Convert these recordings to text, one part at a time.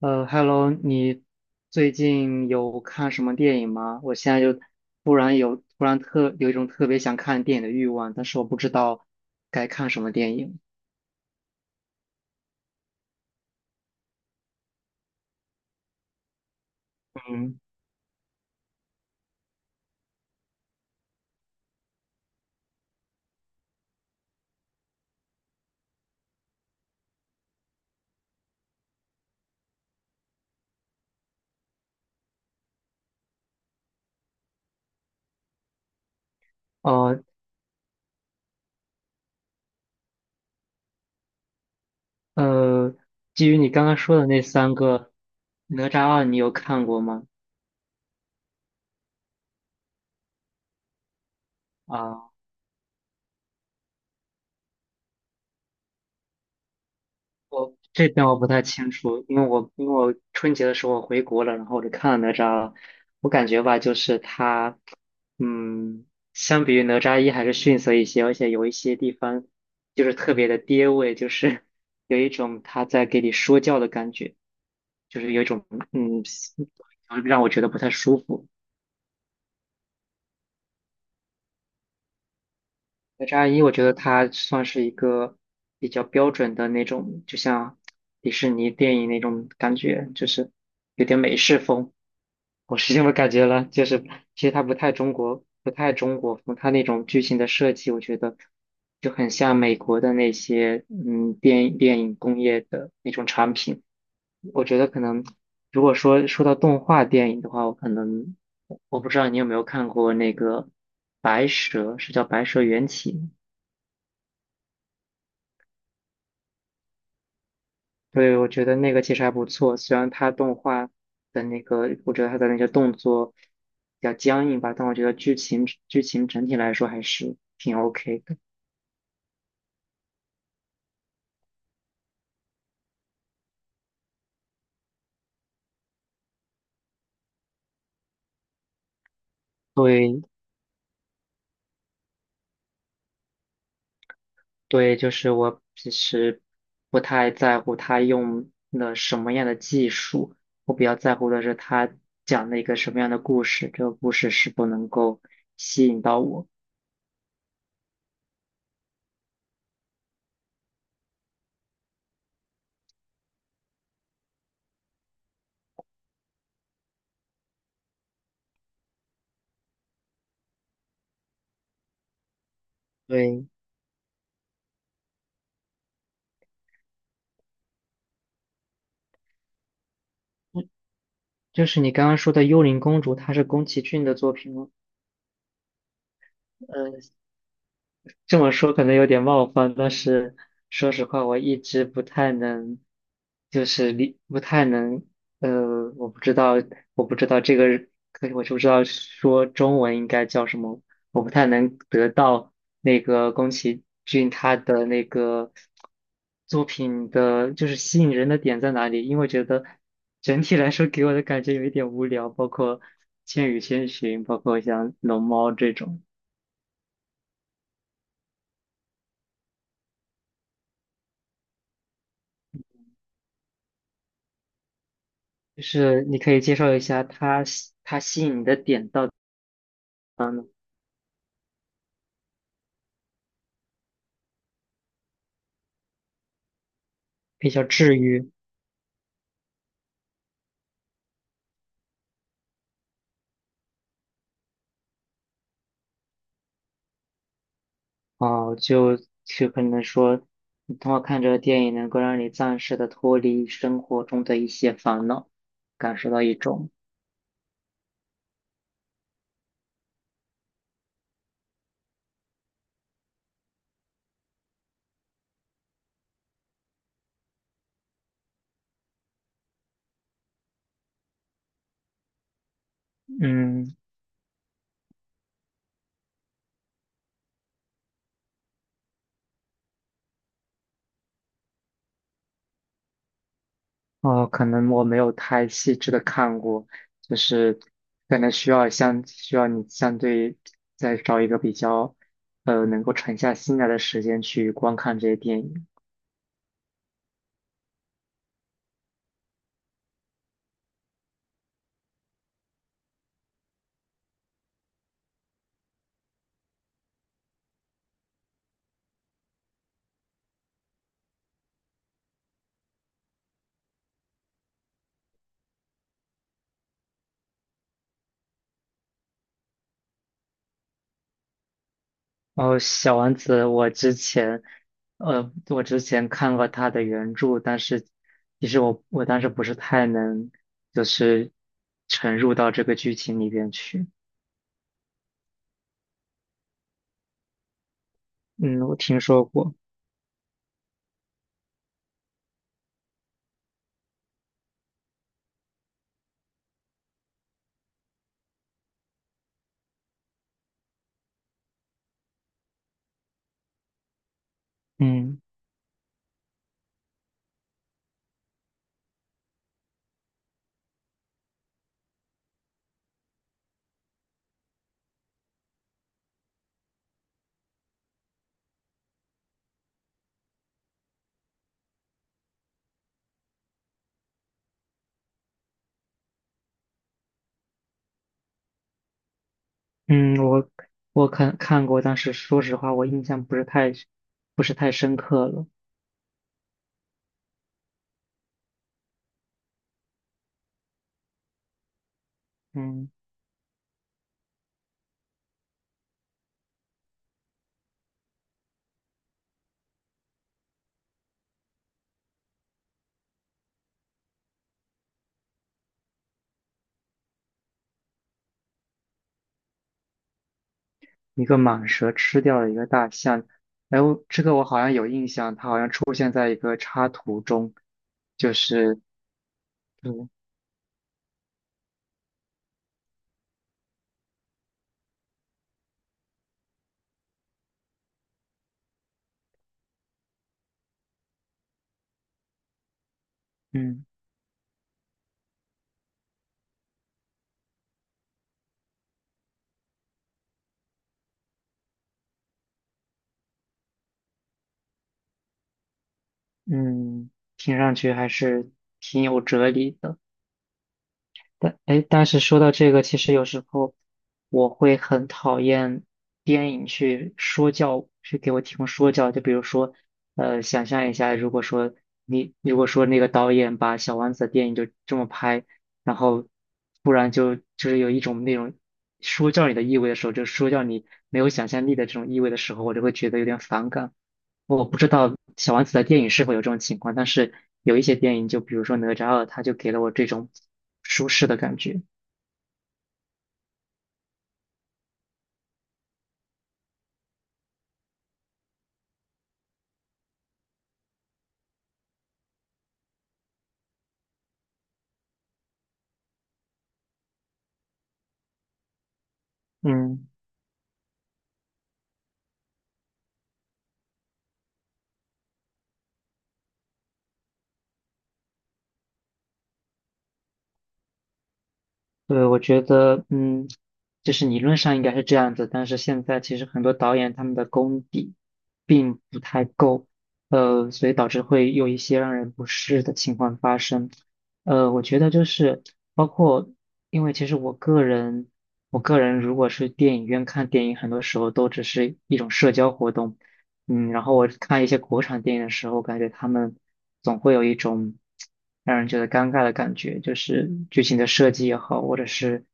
Hello，你最近有看什么电影吗？我现在就突然特有一种特别想看电影的欲望，但是我不知道该看什么电影。嗯。哦。呃，基于你刚刚说的那三个，《哪吒二》你有看过吗？啊。我这边我不太清楚，因为我春节的时候我回国了，然后我就看了哪吒，我感觉吧，就是它，嗯，相比于哪吒一还是逊色一些，而且有一些地方就是特别的爹味，就是有一种他在给你说教的感觉，就是有一种嗯，让我觉得不太舒服。哪吒一，我觉得它算是一个比较标准的那种，就像迪士尼电影那种感觉，就是有点美式风。我是这么感觉了，就是其实它不太中国，不太中国风，它那种剧情的设计，我觉得就很像美国的那些电影工业的那种产品。我觉得可能如果说到动画电影的话，我可能我不知道你有没有看过那个《白蛇》，是叫《白蛇缘起》。对，我觉得那个其实还不错，虽然它动画的那个，我觉得它的那些动作比较僵硬吧，但我觉得剧情整体来说还是挺 OK 的。对对，就是我其实不太在乎他用了什么样的技术，我比较在乎的是他讲了一个什么样的故事，这个故事是否能够吸引到我。对。嗯，就是你刚刚说的《幽灵公主》，它是宫崎骏的作品吗？这么说可能有点冒犯，但是说实话，我一直不太能，就是理不太能，我不知道，我不知道这个，可我就不知道说中文应该叫什么，我不太能得到那个宫崎骏他的那个作品的，就是吸引人的点在哪里，因为觉得整体来说给我的感觉有一点无聊，包括《千与千寻》，包括像《龙猫》这种。就是你可以介绍一下它吸引你的点到底比较治愈啊，就可能说，你通过看这个电影能够让你暂时的脱离生活中的一些烦恼，感受到一种嗯哦，可能我没有太细致的看过，就是可能需要你相对再找一个比较能够沉下心来的时间去观看这些电影。哦，小王子，我之前，我之前看过他的原著，但是其实我当时不是太能，就是沉入到这个剧情里边去。嗯，我听说过。嗯嗯，我看过，但是说实话，我印象不是太深刻了。嗯，一个蟒蛇吃掉了一个大象，哎，我这个我好像有印象，它好像出现在一个插图中，就是嗯。嗯嗯，听上去还是挺有哲理的。但哎，但是说到这个，其实有时候我会很讨厌电影去说教，去给我提供说教。就比如说，想象一下，如果说你如果说那个导演把《小王子》的电影就这么拍，然后突然是有一种那种说教你的意味的时候，就说教你没有想象力的这种意味的时候，我就会觉得有点反感。我不知道小王子的电影是否有这种情况，但是有一些电影，就比如说《哪吒二》，它就给了我这种舒适的感觉。嗯，对，我觉得，嗯，就是理论上应该是这样子，但是现在其实很多导演他们的功底并不太够，所以导致会有一些让人不适的情况发生。我觉得就是包括，因为其实我个人，我个人如果是电影院看电影，很多时候都只是一种社交活动。嗯，然后我看一些国产电影的时候，感觉他们总会有一种让人觉得尴尬的感觉，就是剧情的设计也好，或者是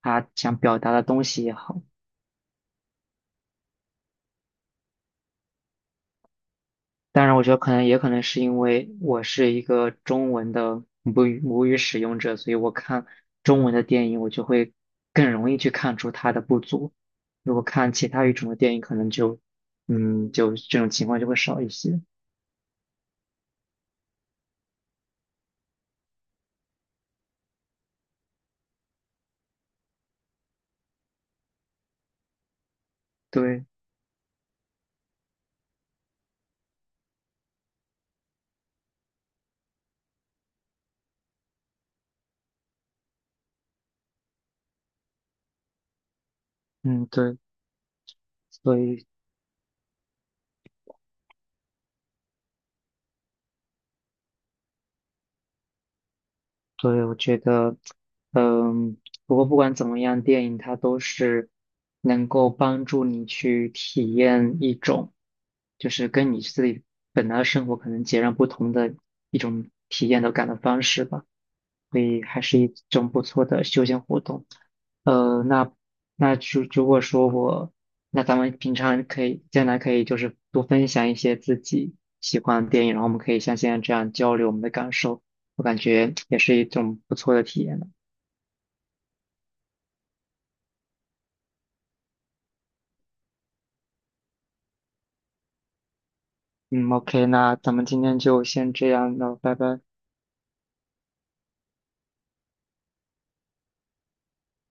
他想表达的东西也好。当然，我觉得可能也可能是因为我是一个中文的母语使用者，所以我看中文的电影，我就会更容易去看出它的不足。如果看其他语种的电影，可能就嗯，就这种情况就会少一些。对，嗯，对，所以，所以我觉得。不过不管怎么样，电影它都是能够帮助你去体验一种，就是跟你自己本来的生活可能截然不同的一种体验的感的方式吧，所以还是一种不错的休闲活动。那那如果说我，那咱们平常可以将来可以就是多分享一些自己喜欢的电影，然后我们可以像现在这样交流我们的感受，我感觉也是一种不错的体验。嗯，OK，那咱们今天就先这样，那拜拜。